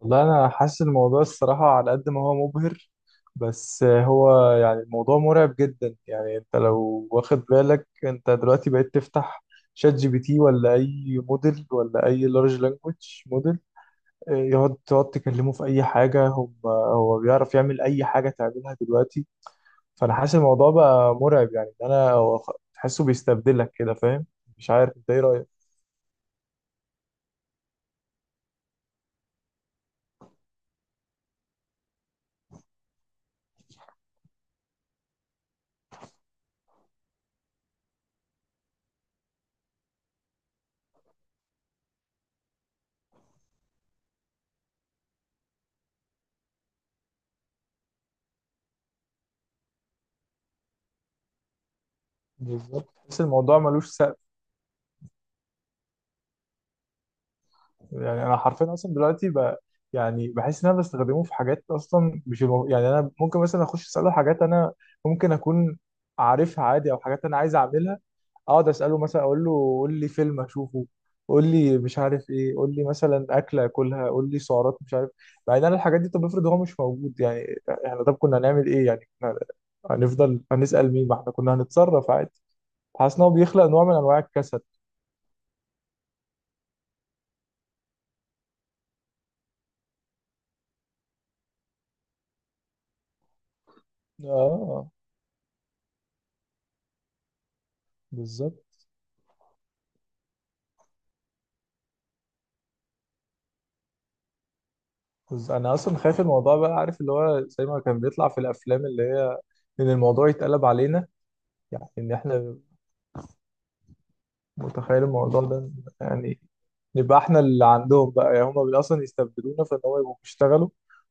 والله انا حاسس الموضوع الصراحه على قد ما هو مبهر. بس هو يعني الموضوع مرعب جدا. يعني انت لو واخد بالك انت دلوقتي بقيت تفتح شات جي بي تي ولا اي موديل ولا اي لارج لانجوج موديل، تقعد تكلمه في اي حاجه، هو بيعرف يعمل اي حاجه تعملها دلوقتي. فانا حاسس الموضوع بقى مرعب، يعني إن انا تحسه بيستبدلك كده، فاهم؟ مش عارف انت ايه رايك. بالظبط، تحس الموضوع ملوش سقف. يعني انا حرفيا اصلا دلوقتي يعني بحس ان انا بستخدمه في حاجات اصلا مش المو... يعني انا ممكن مثلا اخش اساله حاجات انا ممكن اكون عارفها عادي، او حاجات انا عايز اعملها. اقعد اساله، مثلا اقول له قول لي فيلم اشوفه، قول لي مش عارف ايه، قول لي مثلا اكله اكلها، قول لي سعرات مش عارف. بعدين انا الحاجات دي، طب افرض هو مش موجود، يعني احنا طب كنا هنعمل ايه؟ يعني كنا هنفضل هنسال مين؟ ما احنا كنا هنتصرف عادي. حاسس ان هو بيخلق نوع من انواع الكسل. اه، بالظبط. بس انا اصلا خايف الموضوع، بقى عارف اللي هو زي ما كان بيطلع في الافلام، اللي هي ان الموضوع يتقلب علينا. يعني ان احنا متخيل الموضوع ده؟ يعني نبقى احنا اللي عندهم بقى، يعني هم اصلا يستبدلونا، فان هم يبقوا بيشتغلوا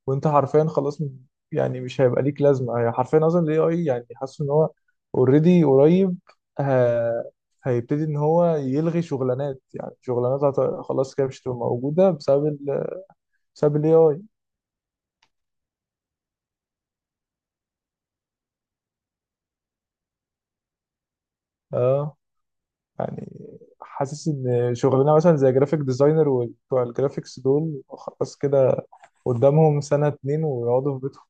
وانت حرفيا خلاص يعني مش هيبقى ليك لازمه، يعني حرفيا اصلا الاي اي، يعني حاسس ان هو اوريدي قريب ه- هيبتدي ان هو يلغي شغلانات. يعني شغلانات خلاص كده مش هتبقى موجوده، بسبب الاي اي. اه. يعني حاسس ان شغلنا مثلا زي جرافيك ديزاينر وبتوع الجرافيكس دول خلاص كده، قدامهم سنة اتنين ويقعدوا في بيتهم.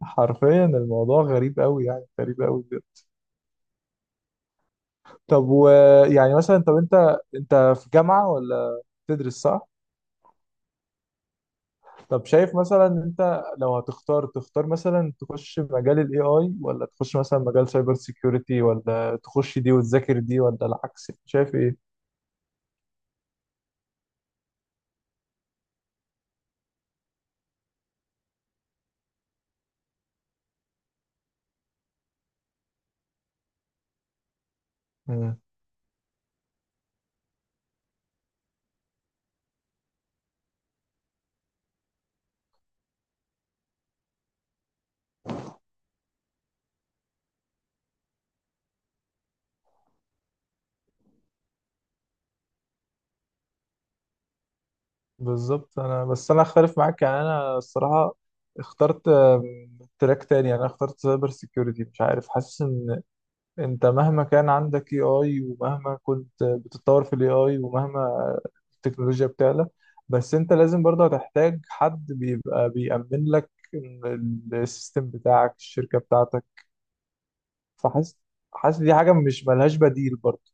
فحرفيا الموضوع غريب قوي، يعني غريب قوي بجد. طب ويعني مثلا، طب انت في جامعة ولا تدرس، صح؟ طب شايف مثلا، انت لو هتختار تختار مثلا تخش مجال الاي اي، ولا تخش مثلا مجال سايبر سيكيورتي، ولا تخش دي وتذاكر دي ولا العكس، شايف ايه؟ بالظبط. انا بس انا اختلف معاك، يعني انا الصراحه اخترت تراك تاني. يعني انا اخترت سايبر سيكيورتي، مش عارف، حاسس ان انت مهما كان عندك اي اي، ومهما كنت بتتطور في الاي اي، ومهما التكنولوجيا بتعلى، بس انت لازم برضه هتحتاج حد بيبقى بيأمن لك السيستم بتاعك، الشركه بتاعتك. فحاسس حاسس دي حاجه مش ملهاش بديل برضه.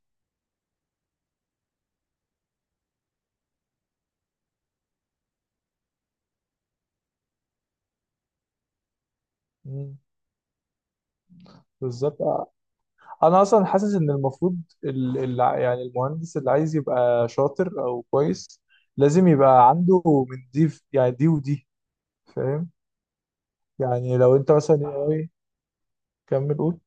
مم. بالظبط. انا اصلا حاسس ان المفروض يعني المهندس اللي عايز يبقى شاطر او كويس لازم يبقى عنده من دي يعني دي ودي، فاهم. يعني لو انت مثلا اي اي، كمل قول.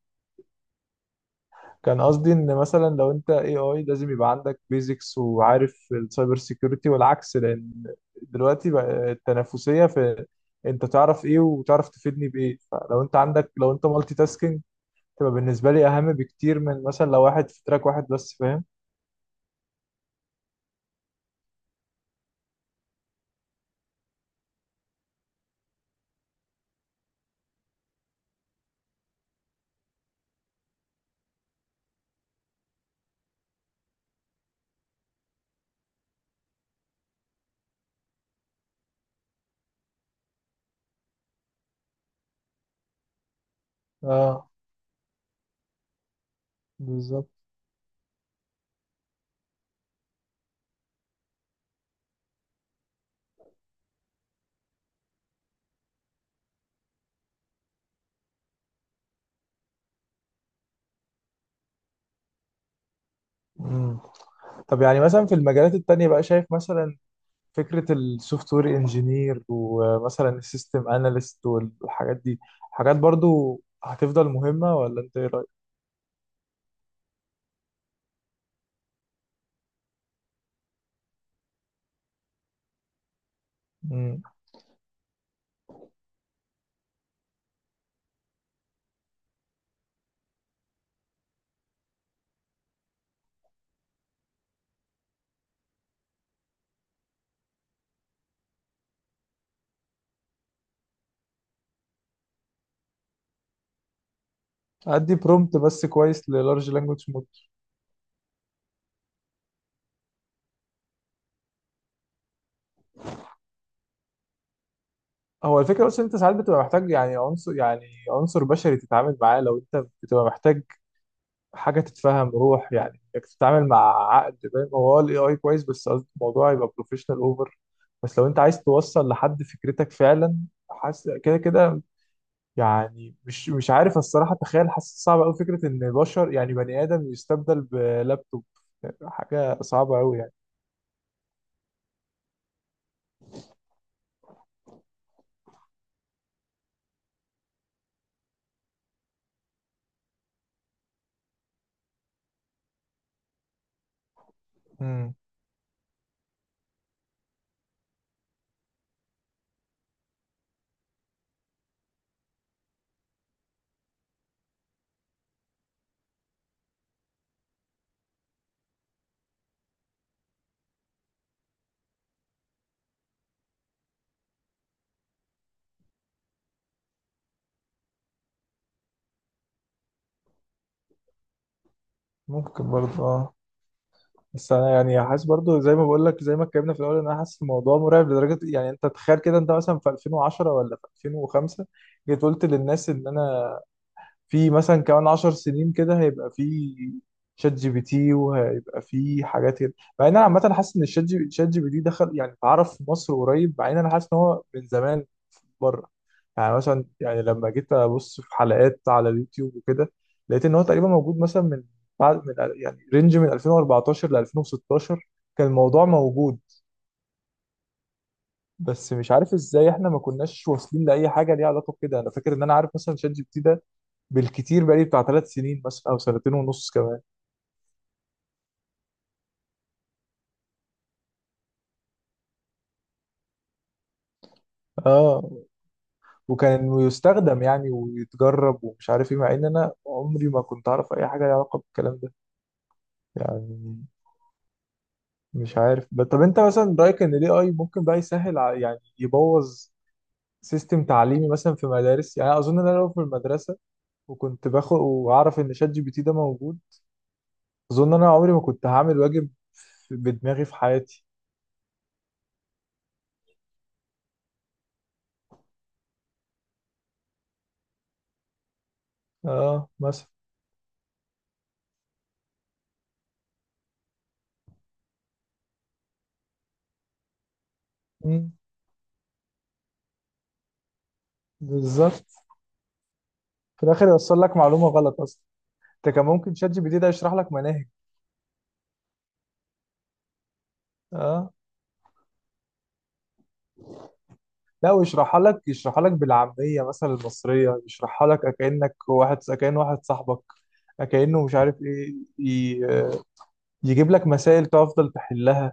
كان قصدي ان مثلا لو انت اي اي لازم يبقى عندك بيزكس وعارف السايبر سيكيورتي، والعكس. لان دلوقتي بقى التنافسية في انت تعرف ايه وتعرف تفيدني بايه. فلو انت عندك، لو انت مالتي تاسكينج، تبقى بالنسبة لي اهم بكتير من مثلا لو واحد في تراك واحد بس، فاهم. اه، بالظبط. مم. طب يعني مثلا في المجالات التانية بقى، شايف مثلا فكرة السوفت وير انجينير ومثلا السيستم اناليست والحاجات دي، حاجات برضو هتفضل مهمة ولا انت ايه رأيك؟ مم. ادي برومبت بس كويس للارج لانجوج مود. هو الفكرة بس إن انت ساعات بتبقى محتاج، يعني عنصر بشري تتعامل معاه، لو انت بتبقى محتاج حاجه تتفهم روح. يعني انك تتعامل مع عقد، فاهم. هو الاي اي كويس، بس قصدي الموضوع يبقى بروفيشنال اوفر، بس لو انت عايز توصل لحد فكرتك فعلا، حاسس كده كده. يعني مش عارف الصراحه، تخيل، حاسس صعب قوي فكره ان بشر، يعني بني ادم، يستبدل بلابتوب. حاجه صعبه قوي يعني. امم ممكن برضه. اه. بس انا يعني حاسس برضه، زي ما بقول لك، زي ما اتكلمنا في الاول، ان انا حاسس الموضوع مرعب لدرجه. يعني انت تخيل كده، انت مثلا في 2010 ولا في 2005 جيت قلت للناس ان انا في مثلا كمان 10 سنين كده هيبقى في شات جي بي تي، وهيبقى في حاجات كده. مع ان انا عامه حاسس ان الشات جي شات جي بي تي دخل يعني اتعرف في مصر قريب، مع ان انا حاسس ان هو من زمان بره. يعني مثلا، يعني لما جيت ابص في حلقات على اليوتيوب وكده، لقيت ان هو تقريبا موجود مثلا من بعد من، يعني رينج من 2014 ل 2016 كان الموضوع موجود. بس مش عارف ازاي احنا ما كناش واصلين لاي حاجه ليها علاقه بكده. انا فاكر ان انا عارف مثلا شات جي بي تي ده بالكتير بقالي بتاع 3 سنين مثلا او سنتين ونص كمان. اه، وكان يستخدم يعني ويتجرب ومش عارف ايه، مع ان انا عمري ما كنت اعرف اي حاجه ليها علاقه بالكلام ده. يعني مش عارف طب انت مثلا رايك ان الاي اي ممكن بقى يسهل يعني يبوظ سيستم تعليمي مثلا في مدارس. يعني أنا اظن ان انا لو في المدرسه وكنت باخد واعرف ان شات جي بي تي ده موجود، اظن انا عمري ما كنت هعمل واجب بدماغي في حياتي. اه، مثلا. مم. بالظبط، في الاخر يوصل لك معلومه غلط اصلا. انت كان ممكن شات جي بي تي ده يشرح لك مناهج. اه. لا، ويشرحها لك، يشرحها لك بالعاميه مثلا المصريه، يشرحها لك كان واحد صاحبك، كانه مش عارف ايه. ي- يجيب لك مسائل تفضل تحلها.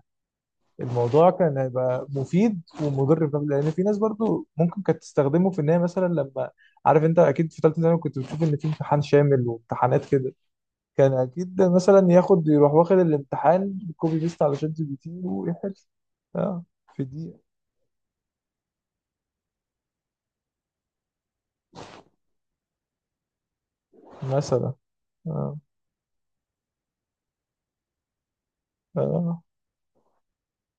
الموضوع كان هيبقى مفيد ومضر في لان في ناس برضو ممكن كانت تستخدمه في ان هي مثلا لما، عارف انت اكيد في ثالثه ثانوي كنت بتشوف ان في امتحان شامل وامتحانات كده، كان اكيد مثلا ياخد يروح واخد الامتحان كوبي بيست على شات جي بي تي ويحل. اه، في دقيقه مثلا. آه. آه.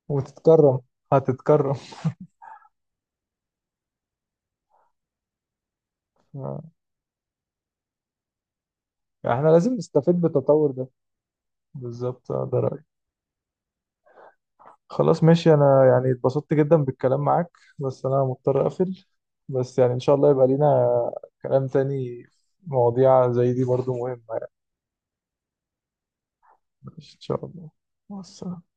وتتكرم. هتتكرم. آه. يعني احنا لازم نستفيد بالتطور ده. بالظبط، آه، ده رأيي. خلاص ماشي، انا يعني اتبسطت جدا بالكلام معاك، بس انا مضطر اقفل. بس يعني ان شاء الله يبقى لينا كلام تاني، مواضيع زي دي برضو مهمة يعني. ان شاء الله. مع السلامة.